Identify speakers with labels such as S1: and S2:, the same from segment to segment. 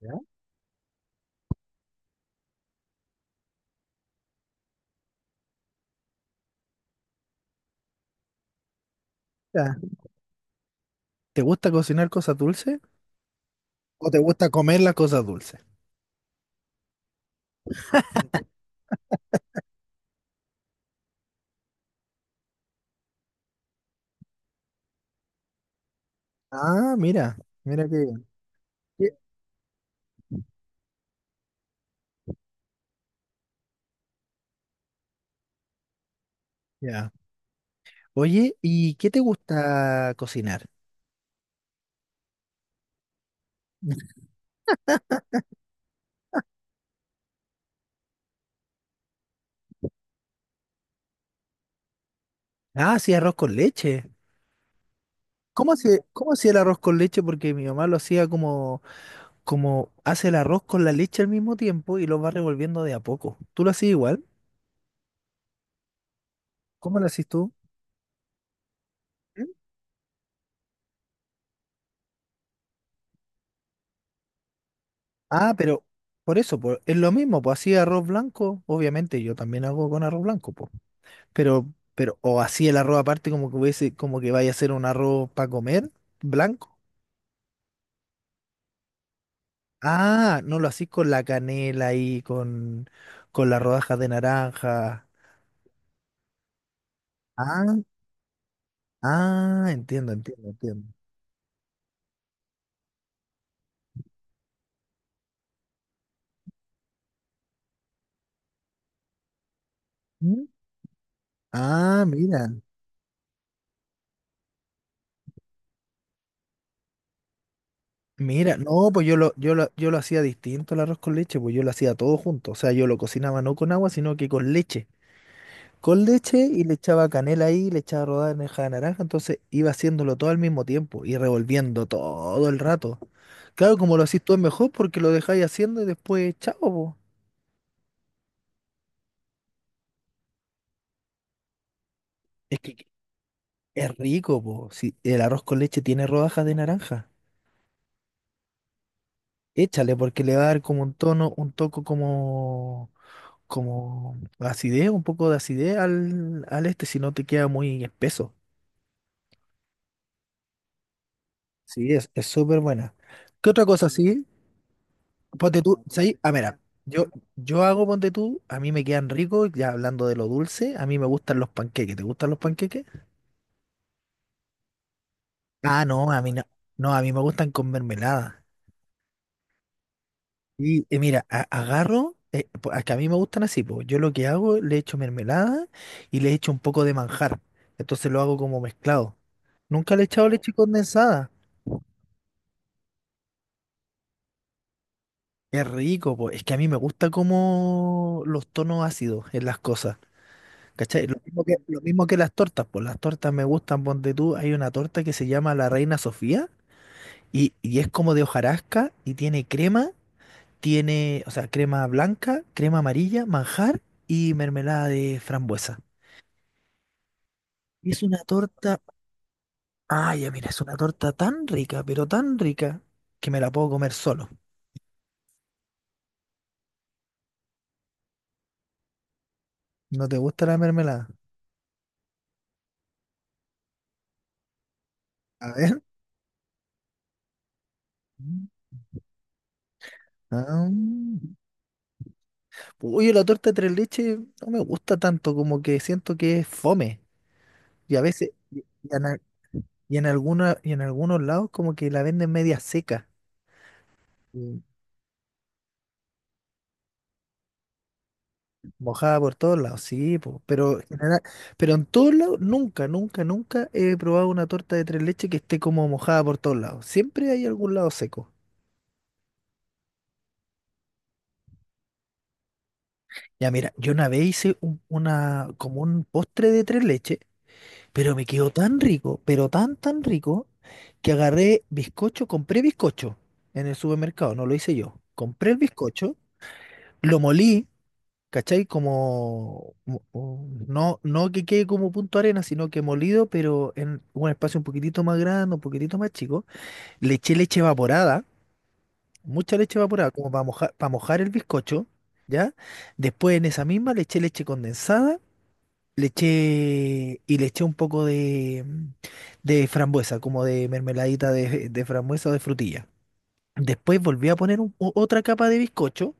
S1: Ya. ¿Te gusta cocinar cosas dulces o te gusta comer las cosas dulces? Ah, mira, mira qué bien. Qué- Ya. Oye, ¿y qué te gusta cocinar? Ah, sí, arroz con leche. ¿Cómo hacía el arroz con leche? Porque mi mamá lo hacía como hace el arroz con la leche al mismo tiempo y lo va revolviendo de a poco. ¿Tú lo hacías igual? ¿Cómo lo hacías tú? ¿Mm? Ah, pero por eso, es lo mismo, pues hacía arroz blanco, obviamente yo también hago con arroz blanco, pues. Pero, o así el arroz aparte como que hubiese, como que vaya a ser un arroz para comer, blanco. Ah, no lo hacís con la canela y con las rodajas de naranja. Ah, ah, entiendo, entiendo, entiendo. ¿Mm? Ah, mira. Mira, no, pues yo lo hacía distinto el arroz con leche, pues yo lo hacía todo junto. O sea, yo lo cocinaba no con agua, sino que con leche. Con leche y le echaba canela ahí, le echaba rodada de meja de naranja, entonces iba haciéndolo todo al mismo tiempo y revolviendo todo el rato. Claro, como lo hacís tú es mejor porque lo dejáis haciendo y después, chao, po. Es que es rico, po. Si el arroz con leche tiene rodajas de naranja, échale porque le va a dar como un tono, un toco como, como acidez, un poco de acidez al este, si no te queda muy espeso. Sí, es súper buena. ¿Qué otra cosa sí? Ponte tú, ¿sabes? Ah, mira, yo hago ponte tú, a mí me quedan ricos, ya hablando de lo dulce, a mí me gustan los panqueques. ¿Te gustan los panqueques? Ah, no, a mí no. No, a mí me gustan con mermelada. Y mira, agarro, a que a mí me gustan así, pues yo lo que hago, le echo mermelada y le echo un poco de manjar. Entonces lo hago como mezclado. Nunca le he echado leche condensada. Es rico, pues es que a mí me gusta como los tonos ácidos en las cosas. ¿Cachai? Lo mismo que las tortas, pues las tortas me gustan, ponte tú, hay una torta que se llama la Reina Sofía y es como de hojarasca y tiene crema, tiene, o sea, crema blanca, crema amarilla, manjar y mermelada de frambuesa. Y es una torta, ay, ya mira, es una torta tan rica, pero tan rica, que me la puedo comer solo. ¿No te gusta la mermelada? A ver. Mm. Ah, mm. Oye, la torta de tres leches no me gusta tanto, como que siento que es fome. Y a veces, Y en algunos lados como que la venden media seca, y mojada por todos lados, sí, po, pero, pero en todos lados nunca, nunca, nunca he probado una torta de tres leches que esté como mojada por todos lados. Siempre hay algún lado seco. Ya mira, yo una vez hice una, como un postre de tres leches, pero me quedó tan rico, pero tan, tan rico, que agarré bizcocho, compré bizcocho en el supermercado, no lo hice yo. Compré el bizcocho, lo molí. ¿Cachai? Como, no, no que quede como punto arena, sino que molido, pero en un espacio un poquitito más grande, un poquitito más chico. Le eché leche evaporada, mucha leche evaporada, como para mojar el bizcocho, ¿ya? Después en esa misma le eché leche condensada, y le eché un poco de frambuesa, como de mermeladita de frambuesa o de frutilla. Después volví a poner otra capa de bizcocho,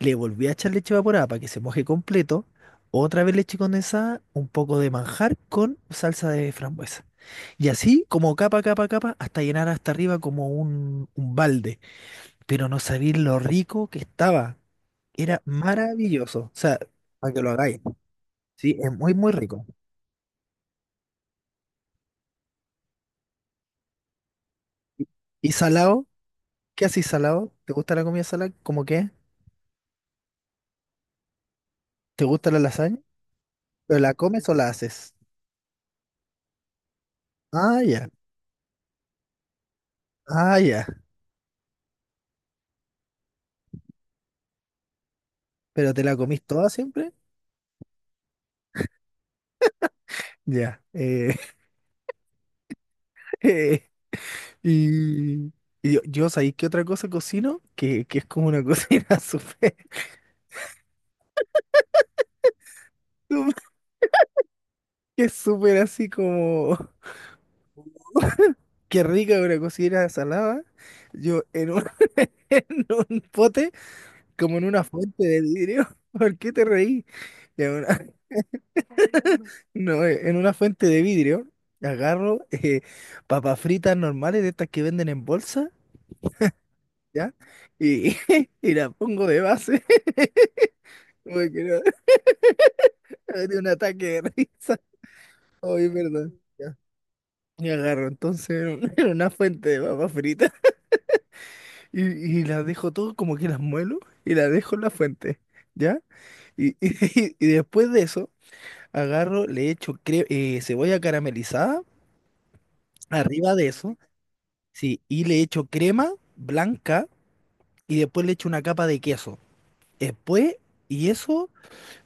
S1: le volví a echar leche evaporada para que se moje completo. Otra vez leche condensada, un poco de manjar con salsa de frambuesa. Y así, como capa, capa, capa, hasta llenar hasta arriba como un balde. Pero no sabía lo rico que estaba. Era maravilloso. O sea, para que lo hagáis. Sí, es muy, muy rico. ¿Y salado? ¿Qué haces salado? ¿Te gusta la comida salada? ¿Cómo qué? ¿Te gusta la lasaña? ¿Pero la comes o la haces? Ah, ya. Ah, ya. ¿Pero te la comís toda siempre? Ya. Y, y yo, ¿sabéis qué otra cosa cocino? Que es como una cocina súper, súper- que es súper así como, qué rica una cocina salada. Yo en un, en un pote, como en una fuente de vidrio. ¿Por qué te reí? En una, no, en una fuente de vidrio agarro papas fritas normales de estas que venden en bolsa, ¿ya? Y, y las pongo de base. Porque no, me dio un ataque de risa. Oye, es verdad. Ya. Y agarro entonces era era una fuente de papas fritas y, y las dejo todo como que las muelo y las dejo en la fuente, ¿ya? Y después de eso, agarro, le echo cebolla caramelizada arriba de eso, sí, y le echo crema blanca y después le echo una capa de queso. Después, y eso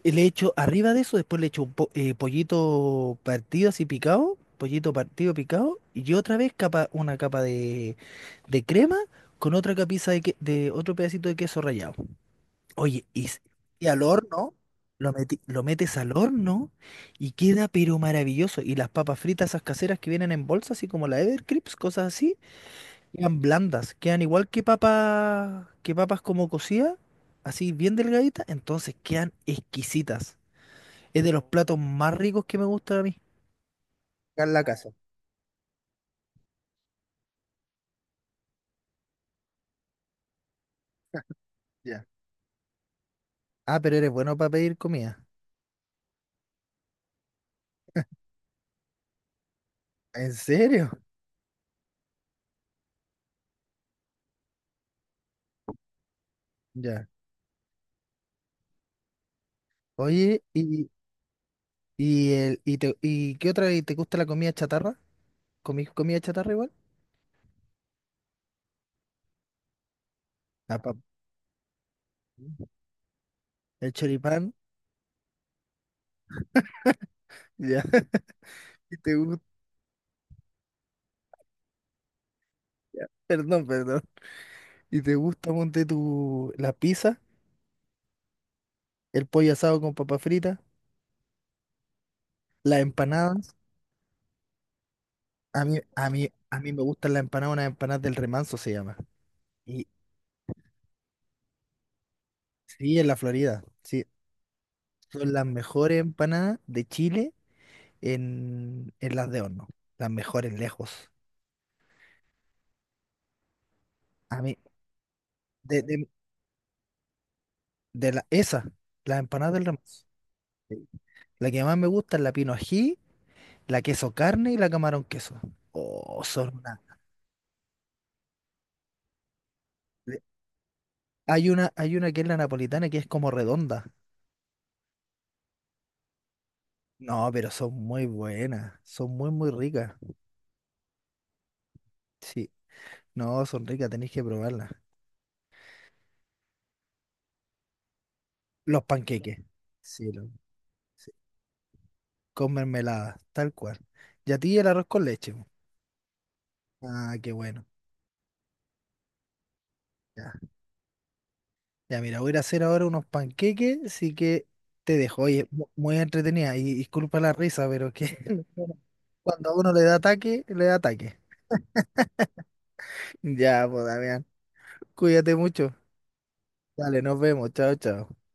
S1: y le echo arriba de eso, después le echo pollito partido así picado, pollito partido picado, y otra vez capa, una capa de crema con otra capiza de otro pedacito de queso rallado. Oye, y al horno, lo metes al horno y queda pero maravilloso. Y las papas fritas, esas caseras que vienen en bolsas, así como la Evercrisp, cosas así, quedan blandas, quedan igual que papas, como cocidas, así bien delgaditas, entonces quedan exquisitas. Es de los platos más ricos que me gustan a mí. Acá en la casa. Ya. Ah, pero eres bueno para pedir comida. ¿En serio? Ya. Oye, ¿y qué otra? Y ¿te gusta la comida chatarra? ¿Comí comida chatarra igual? La pap- El choripán. Ya. ¿Y te gusta? Ya. Perdón, perdón. ¿Y te gusta, ponte tu, la pizza, el pollo asado con papa frita, las empanadas? A mí me gustan las empanadas, unas empanadas del Remanso se llama. Y sí, en la Florida. Sí, son las mejores empanadas de Chile en las de horno. Las mejores lejos. A mí, de, de, de la, esa, las empanadas del Ramos. Sí. La que más me gusta es la pino ají, la queso carne y la camarón queso. Oh, son una. le- hay una que es la napolitana que es como redonda. No, pero son muy buenas. Son muy, muy ricas. Sí. No, son ricas, tenéis que probarlas. Los panqueques. Sí, sí. Con mermelada, tal cual. Y a ti el arroz con leche. Ah, qué bueno. Ya, ya mira, voy a ir a hacer ahora unos panqueques, así que te dejo. Oye, muy entretenida y disculpa la risa, pero que cuando a uno le da ataque, le da ataque. Ya, pues, Damián, cuídate mucho. Dale, nos vemos. Chao, chao.